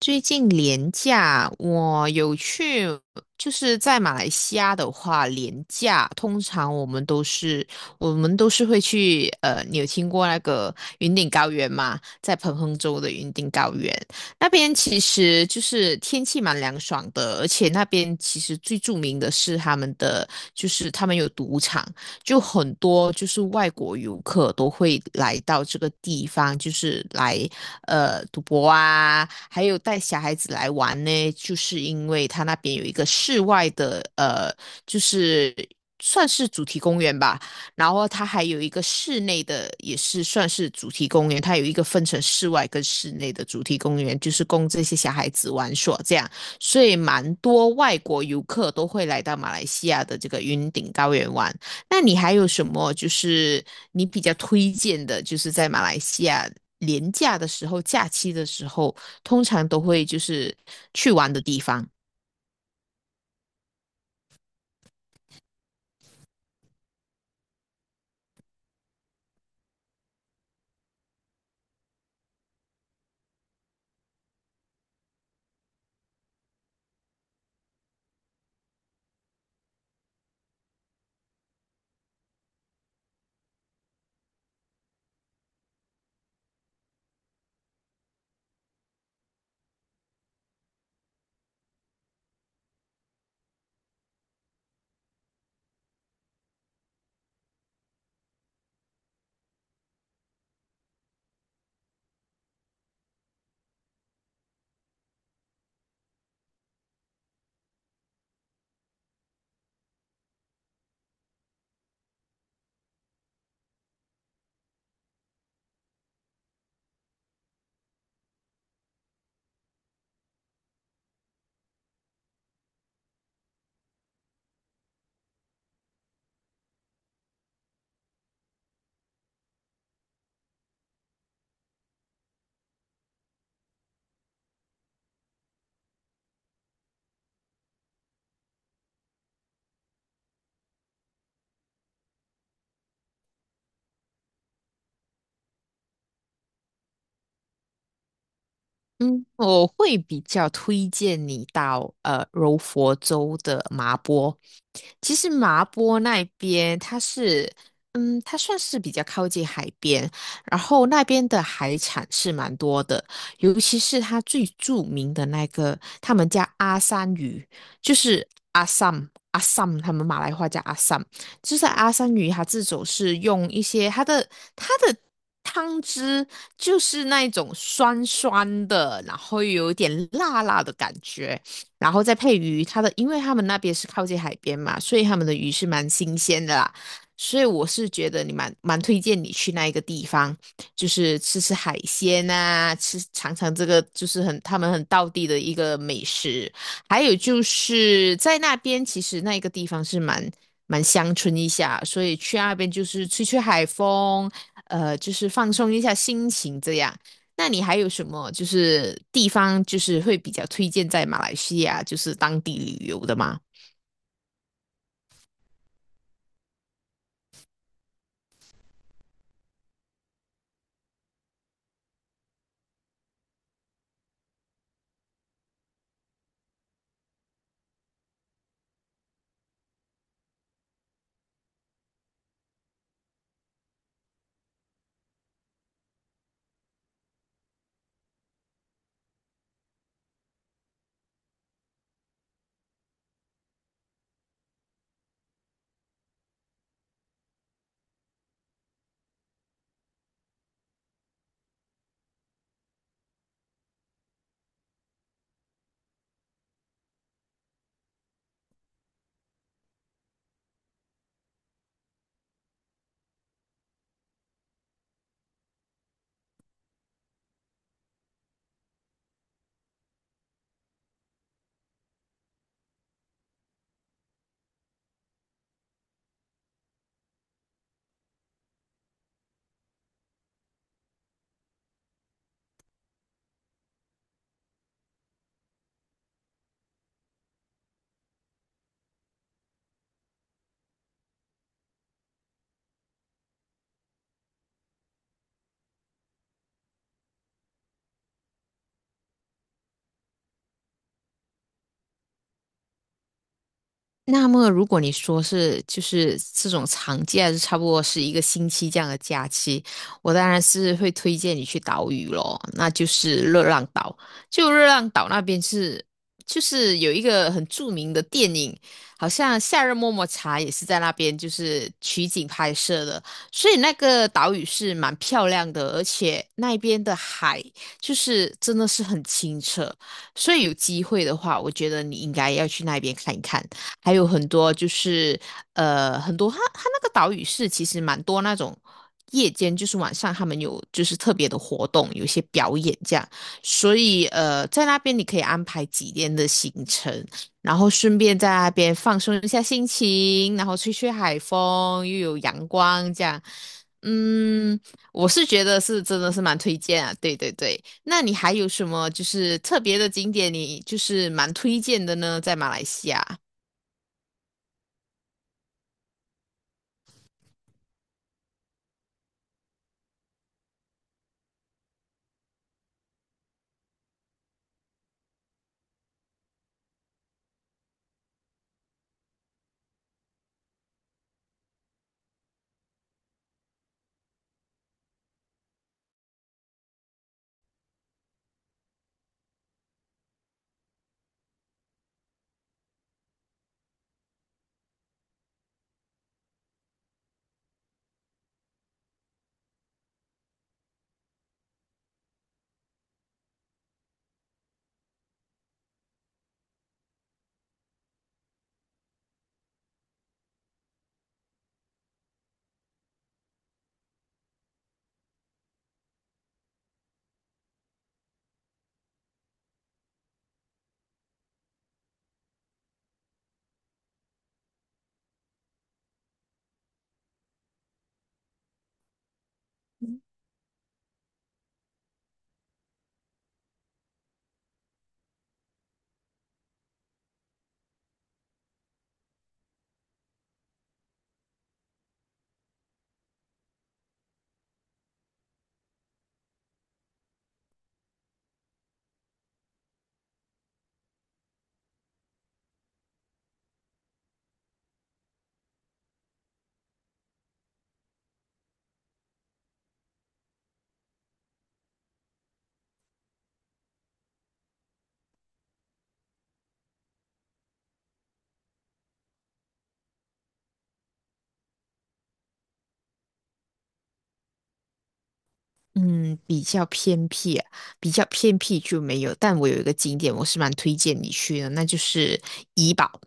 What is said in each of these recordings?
最近廉价，我有去，就是在马来西亚的话，廉价通常我们都是会去，你有听过那个云顶高原吗？在彭亨州的云顶高原那边，其实就是天气蛮凉爽的，而且那边其实最著名的是他们的，就是他们有赌场，就很多就是外国游客都会来到这个地方，就是来赌博啊，还有带小孩子来玩呢，就是因为它那边有一个室外的就是算是主题公园吧，然后它还有一个室内的，也是算是主题公园，它有一个分成室外跟室内的主题公园，就是供这些小孩子玩耍这样。所以蛮多外国游客都会来到马来西亚的这个云顶高原玩。那你还有什么就是你比较推荐的，就是在马来西亚廉价的时候、假期的时候，通常都会就是去玩的地方？嗯，我会比较推荐你到柔佛州的麻波，其实麻坡那边它是，嗯，它算是比较靠近海边，然后那边的海产是蛮多的，尤其是它最著名的那个，他们叫阿三鱼，就是阿三阿三，他们马来话叫阿三，就是阿三鱼，它这种是用一些它的汤汁，就是那一种酸酸的，然后有一点辣辣的感觉，然后再配鱼，它的，因为他们那边是靠近海边嘛，所以他们的鱼是蛮新鲜的啦，所以我是觉得你蛮推荐你去那一个地方，就是吃吃海鲜啊，吃尝尝这个就是很他们很道地的一个美食，还有就是在那边其实那一个地方是蛮乡村一下，所以去那边就是吹吹海风，就是放松一下心情这样。那你还有什么就是地方就是会比较推荐在马来西亚就是当地旅游的吗？那么，如果你说是就是这种长假，就差不多是一个星期这样的假期，我当然是会推荐你去岛屿咯，那就是热浪岛。就热浪岛那边是，就是有一个很著名的电影，好像《夏日么么茶》也是在那边就是取景拍摄的，所以那个岛屿是蛮漂亮的，而且那边的海就是真的是很清澈，所以有机会的话，我觉得你应该要去那边看一看。还有很多就是很多它那个岛屿是其实蛮多那种夜间就是晚上他们有就是特别的活动，有一些表演这样，所以在那边你可以安排几天的行程，然后顺便在那边放松一下心情，然后吹吹海风，又有阳光这样。嗯，我是觉得是真的是蛮推荐啊，对对对。那你还有什么就是特别的景点，你就是蛮推荐的呢？在马来西亚。嗯，比较偏僻啊，比较偏僻就没有。但我有一个景点，我是蛮推荐你去的，那就是怡保。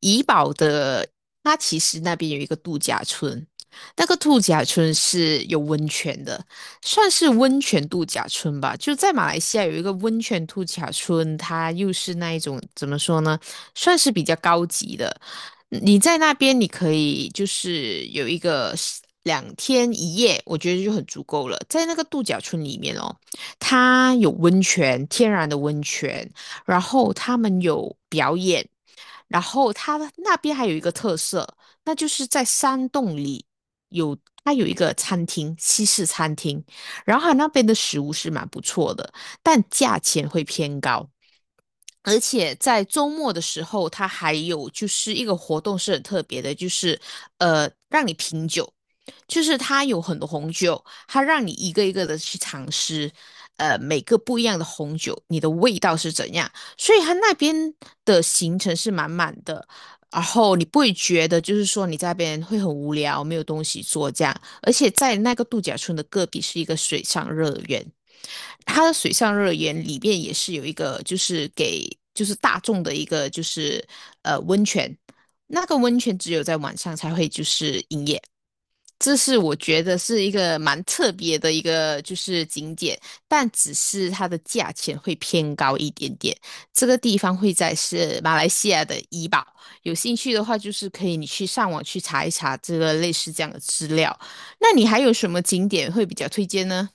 怡保的，它其实那边有一个度假村，那个度假村是有温泉的，算是温泉度假村吧。就在马来西亚有一个温泉度假村，它又是那一种怎么说呢，算是比较高级的。你在那边，你可以就是有一个是两天一夜，我觉得就很足够了。在那个度假村里面哦，它有温泉，天然的温泉，然后他们有表演，然后它那边还有一个特色，那就是在山洞里有它有一个餐厅，西式餐厅，然后它那边的食物是蛮不错的，但价钱会偏高。而且在周末的时候，它还有就是一个活动是很特别的，就是让你品酒，就是它有很多红酒，它让你一个一个的去尝试，每个不一样的红酒，你的味道是怎样。所以它那边的行程是满满的，然后你不会觉得就是说你在那边会很无聊，没有东西做这样。而且在那个度假村的隔壁是一个水上乐园，它的水上乐园里面也是有一个，就是给就是大众的一个就是温泉，那个温泉只有在晚上才会就是营业，这是我觉得是一个蛮特别的一个就是景点，但只是它的价钱会偏高一点点。这个地方会在是马来西亚的怡保，有兴趣的话就是可以你去上网去查一查这个类似这样的资料。那你还有什么景点会比较推荐呢？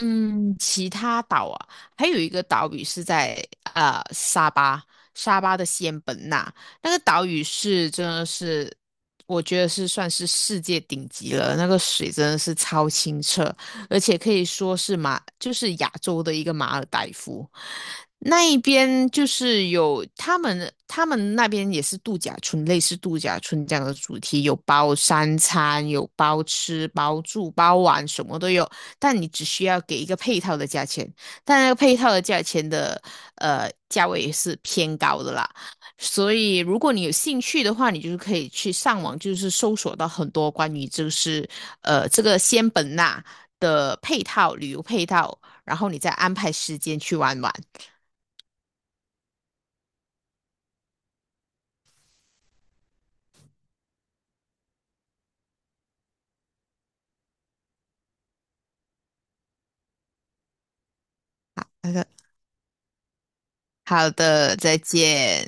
嗯，其他岛啊，还有一个岛屿是在沙巴，沙巴的仙本那，那个岛屿是真的是，我觉得是算是世界顶级了，那个水真的是超清澈，而且可以说是马，就是亚洲的一个马尔代夫。那一边就是有他们，他们那边也是度假村，类似度假村这样的主题，有包三餐，有包吃包住包玩，什么都有。但你只需要给一个配套的价钱，但那个配套的价钱的价位也是偏高的啦。所以如果你有兴趣的话，你就是可以去上网，就是搜索到很多关于就是这个仙本那的配套旅游配套，然后你再安排时间去玩玩。好的，好的，再见。